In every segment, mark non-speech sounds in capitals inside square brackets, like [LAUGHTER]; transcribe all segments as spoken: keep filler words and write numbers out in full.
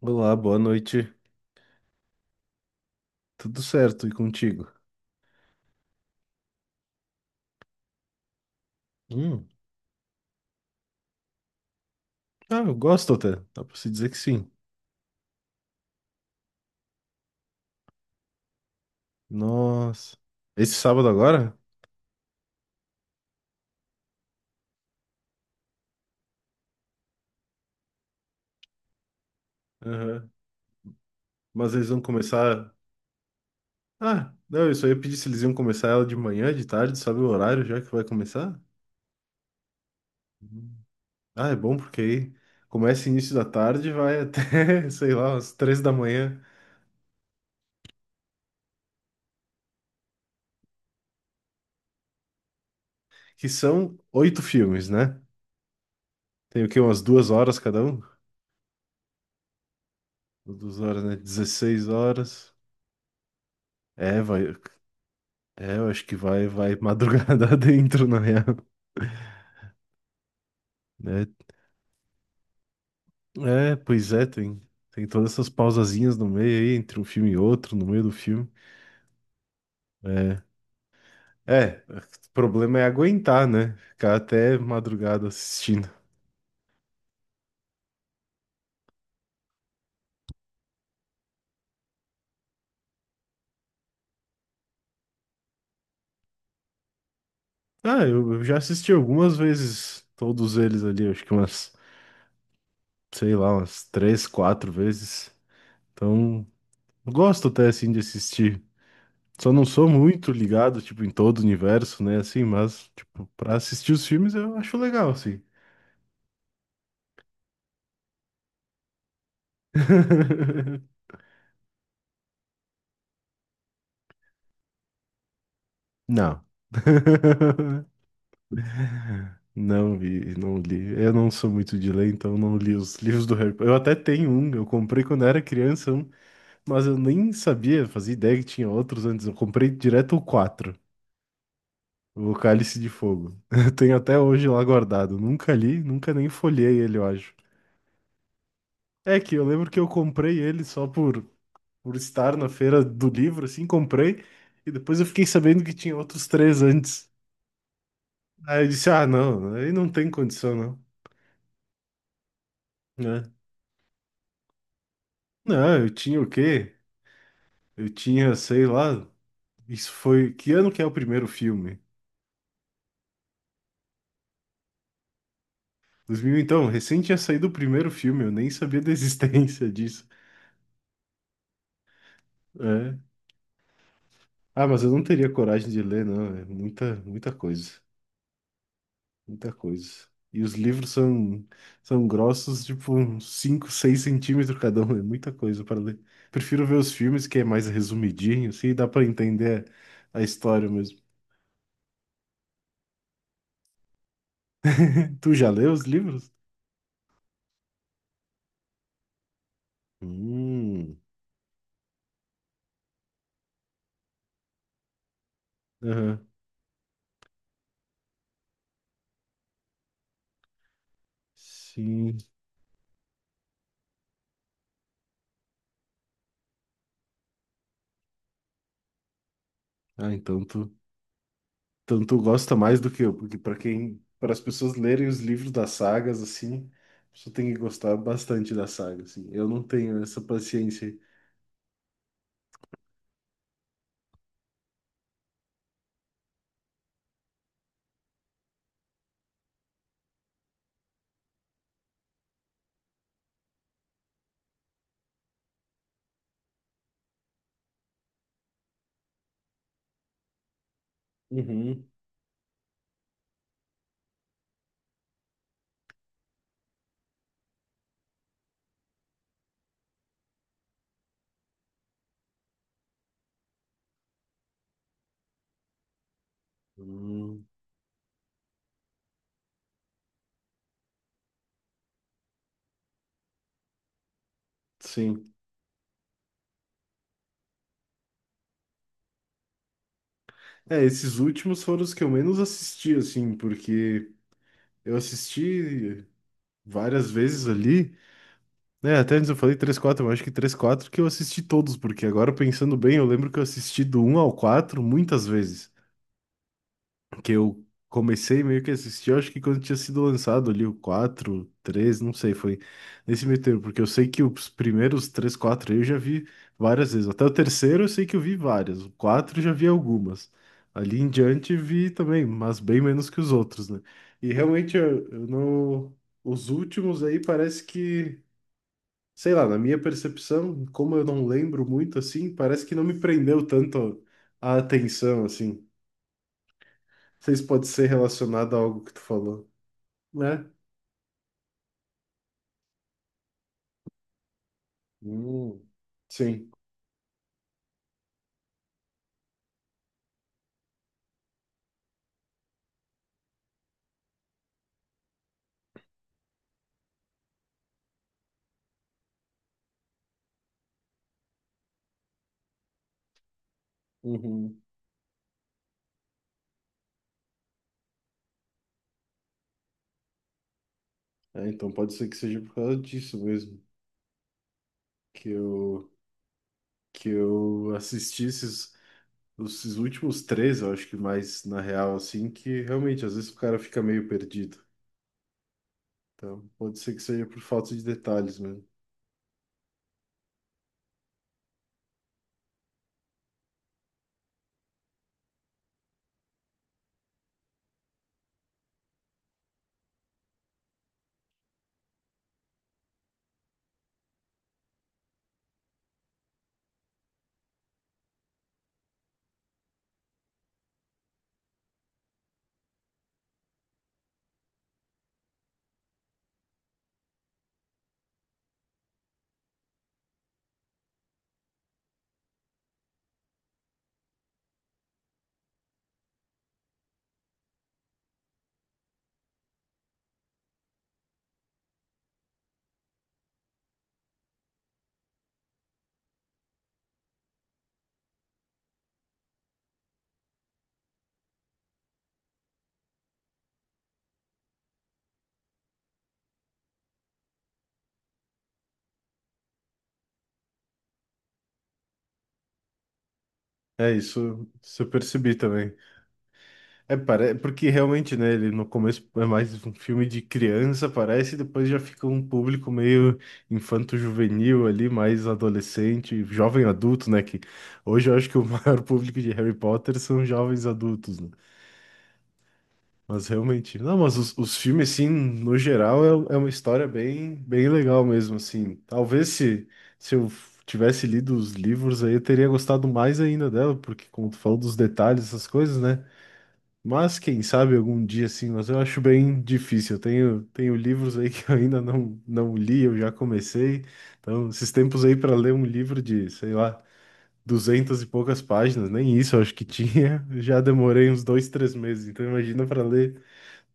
Olá, boa noite. Tudo certo e contigo? Hum, ah, eu gosto até. Dá pra se dizer que sim. Nossa. Esse sábado agora? Aham. Mas eles vão começar. Ah, não, eu só ia pedir se eles iam começar ela de manhã, de tarde, sabe o horário já que vai começar? Hum. Ah, é bom porque aí começa início da tarde e vai até, [LAUGHS] sei lá, umas três da manhã, que são oito filmes, né? Tem o quê? Umas duas horas cada um? Duas horas, né? dezesseis horas. É, vai. É, eu acho que vai, vai madrugada [LAUGHS] dentro, na real, né? É, pois é, tem, tem todas essas pausazinhas no meio aí, entre um filme e outro, no meio do filme. É, é, o problema é aguentar, né? Ficar até madrugada assistindo. Ah, eu, eu já assisti algumas vezes todos eles ali, acho que umas, sei lá, umas três, quatro vezes. Então, eu gosto até assim de assistir. Só não sou muito ligado, tipo, em todo o universo, né? Assim, mas, tipo, pra assistir os filmes eu acho legal, assim. [LAUGHS] Não. [LAUGHS] Não vi, não li. Eu não sou muito de ler, então não li os livros do Harry Potter. Eu até tenho um, eu comprei quando era criança um, mas eu nem sabia, fazia ideia que tinha outros antes. Eu comprei direto o quatro, o Cálice de Fogo. [LAUGHS] Eu tenho até hoje lá guardado. Nunca li, nunca nem folhei ele, eu acho. É que eu lembro que eu comprei ele só por, por estar na feira do livro, assim, comprei, e depois eu fiquei sabendo que tinha outros três antes. Aí eu disse, ah, não, aí não tem condição, não, né? Não, eu tinha o quê? Eu tinha, sei lá, isso foi, que ano que é o primeiro filme? dois mil então, recém tinha saído o primeiro filme, eu nem sabia da existência [LAUGHS] disso, né? Ah, mas eu não teria coragem de ler, não, é muita, muita coisa, muita coisa. E os livros são, são grossos, tipo, uns cinco, seis centímetros cada um, é muita coisa para ler. Prefiro ver os filmes, que é mais resumidinho, assim, dá para entender a história. Tu já leu os livros? Hum, aham. Sim. Ah, então tu, então tu gosta mais do que eu, porque para quem, para as pessoas lerem os livros das sagas assim, a pessoa tem que gostar bastante da saga, assim. Eu não tenho essa paciência aí. Uhum. Hum, sim. É, esses últimos foram os que eu menos assisti, assim, porque eu assisti várias vezes ali. É, até antes eu falei três quatro mas acho que três quatro que eu assisti todos, porque agora pensando bem, eu lembro que eu assisti do um ao quatro muitas vezes. Que eu comecei meio que a assistir, eu acho que quando tinha sido lançado ali o quatro três não sei, foi nesse meio termo, porque eu sei que os primeiros três quatro aí eu já vi várias vezes. Até o terceiro eu sei que eu vi várias, o quatro eu já vi algumas. Ali em diante vi também, mas bem menos que os outros, né? E realmente eu, eu não. Os últimos aí parece que sei lá, na minha percepção, como eu não lembro muito assim, parece que não me prendeu tanto a atenção assim. Não sei se pode ser relacionado a algo que tu falou, né? Hum, sim. Uhum. É, então pode ser que seja por causa disso mesmo que eu que eu assisti esses esses últimos três, eu acho que mais na real assim, que realmente às vezes o cara fica meio perdido. Então pode ser que seja por falta de detalhes mesmo. É isso, isso eu percebi também. É, pare... porque realmente, né, ele no começo é mais um filme de criança, parece, e depois já fica um público meio infanto-juvenil ali, mais adolescente, jovem adulto, né, que hoje eu acho que o [LAUGHS] maior público de Harry Potter são jovens adultos, né? Mas realmente, não, mas os, os filmes, assim, no geral, é, é uma história bem, bem legal mesmo, assim. Talvez se, se eu tivesse lido os livros aí, eu teria gostado mais ainda dela, porque como tu falou dos detalhes, essas coisas, né? Mas quem sabe algum dia sim, mas eu acho bem difícil. Eu tenho, tenho livros aí [LAUGHS] que eu ainda não, não li, eu já comecei. Então, esses tempos aí para ler um livro de, sei lá, duzentas e poucas páginas, nem isso eu acho que tinha, [LAUGHS] já demorei uns dois, três meses. Então, imagina para ler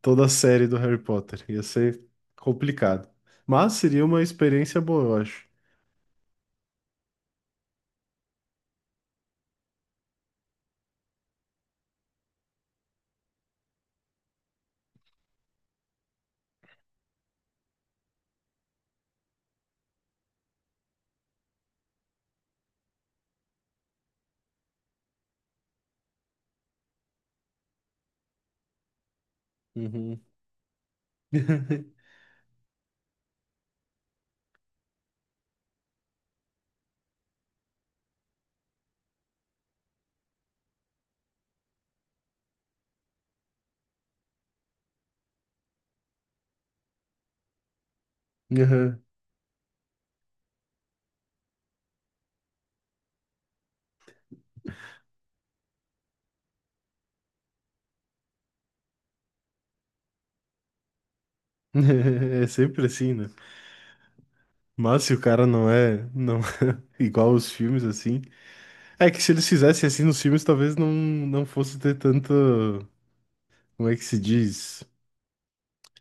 toda a série do Harry Potter, ia ser complicado. Mas seria uma experiência boa, eu acho. Uhum. [LAUGHS] Aham. [LAUGHS] É sempre assim, né? Mas se o cara não é, não [LAUGHS] igual os filmes assim. É que se eles fizessem assim nos filmes, talvez não, não fosse ter tanta. Como é que se diz?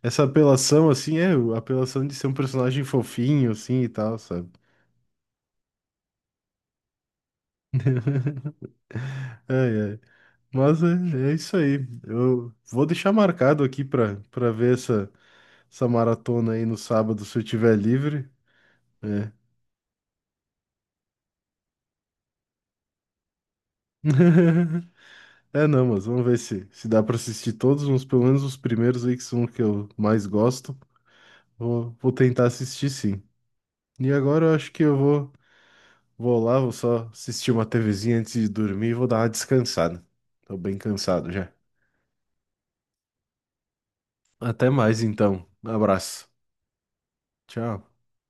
Essa apelação, assim, é, a apelação de ser um personagem fofinho, assim e tal, sabe? Ai, ai. Mas é, é isso aí. Eu vou deixar marcado aqui pra, pra ver essa, essa maratona aí no sábado, se eu tiver livre. É. [LAUGHS] É, não, mas vamos ver se, se dá pra assistir todos, uns, pelo menos os primeiros aí que são os que eu mais gosto. Vou, vou tentar assistir sim. E agora eu acho que eu vou. Vou lá, vou só assistir uma TVzinha antes de dormir e vou dar uma descansada. Tô bem cansado já. Até mais então. Abraço. Tchau.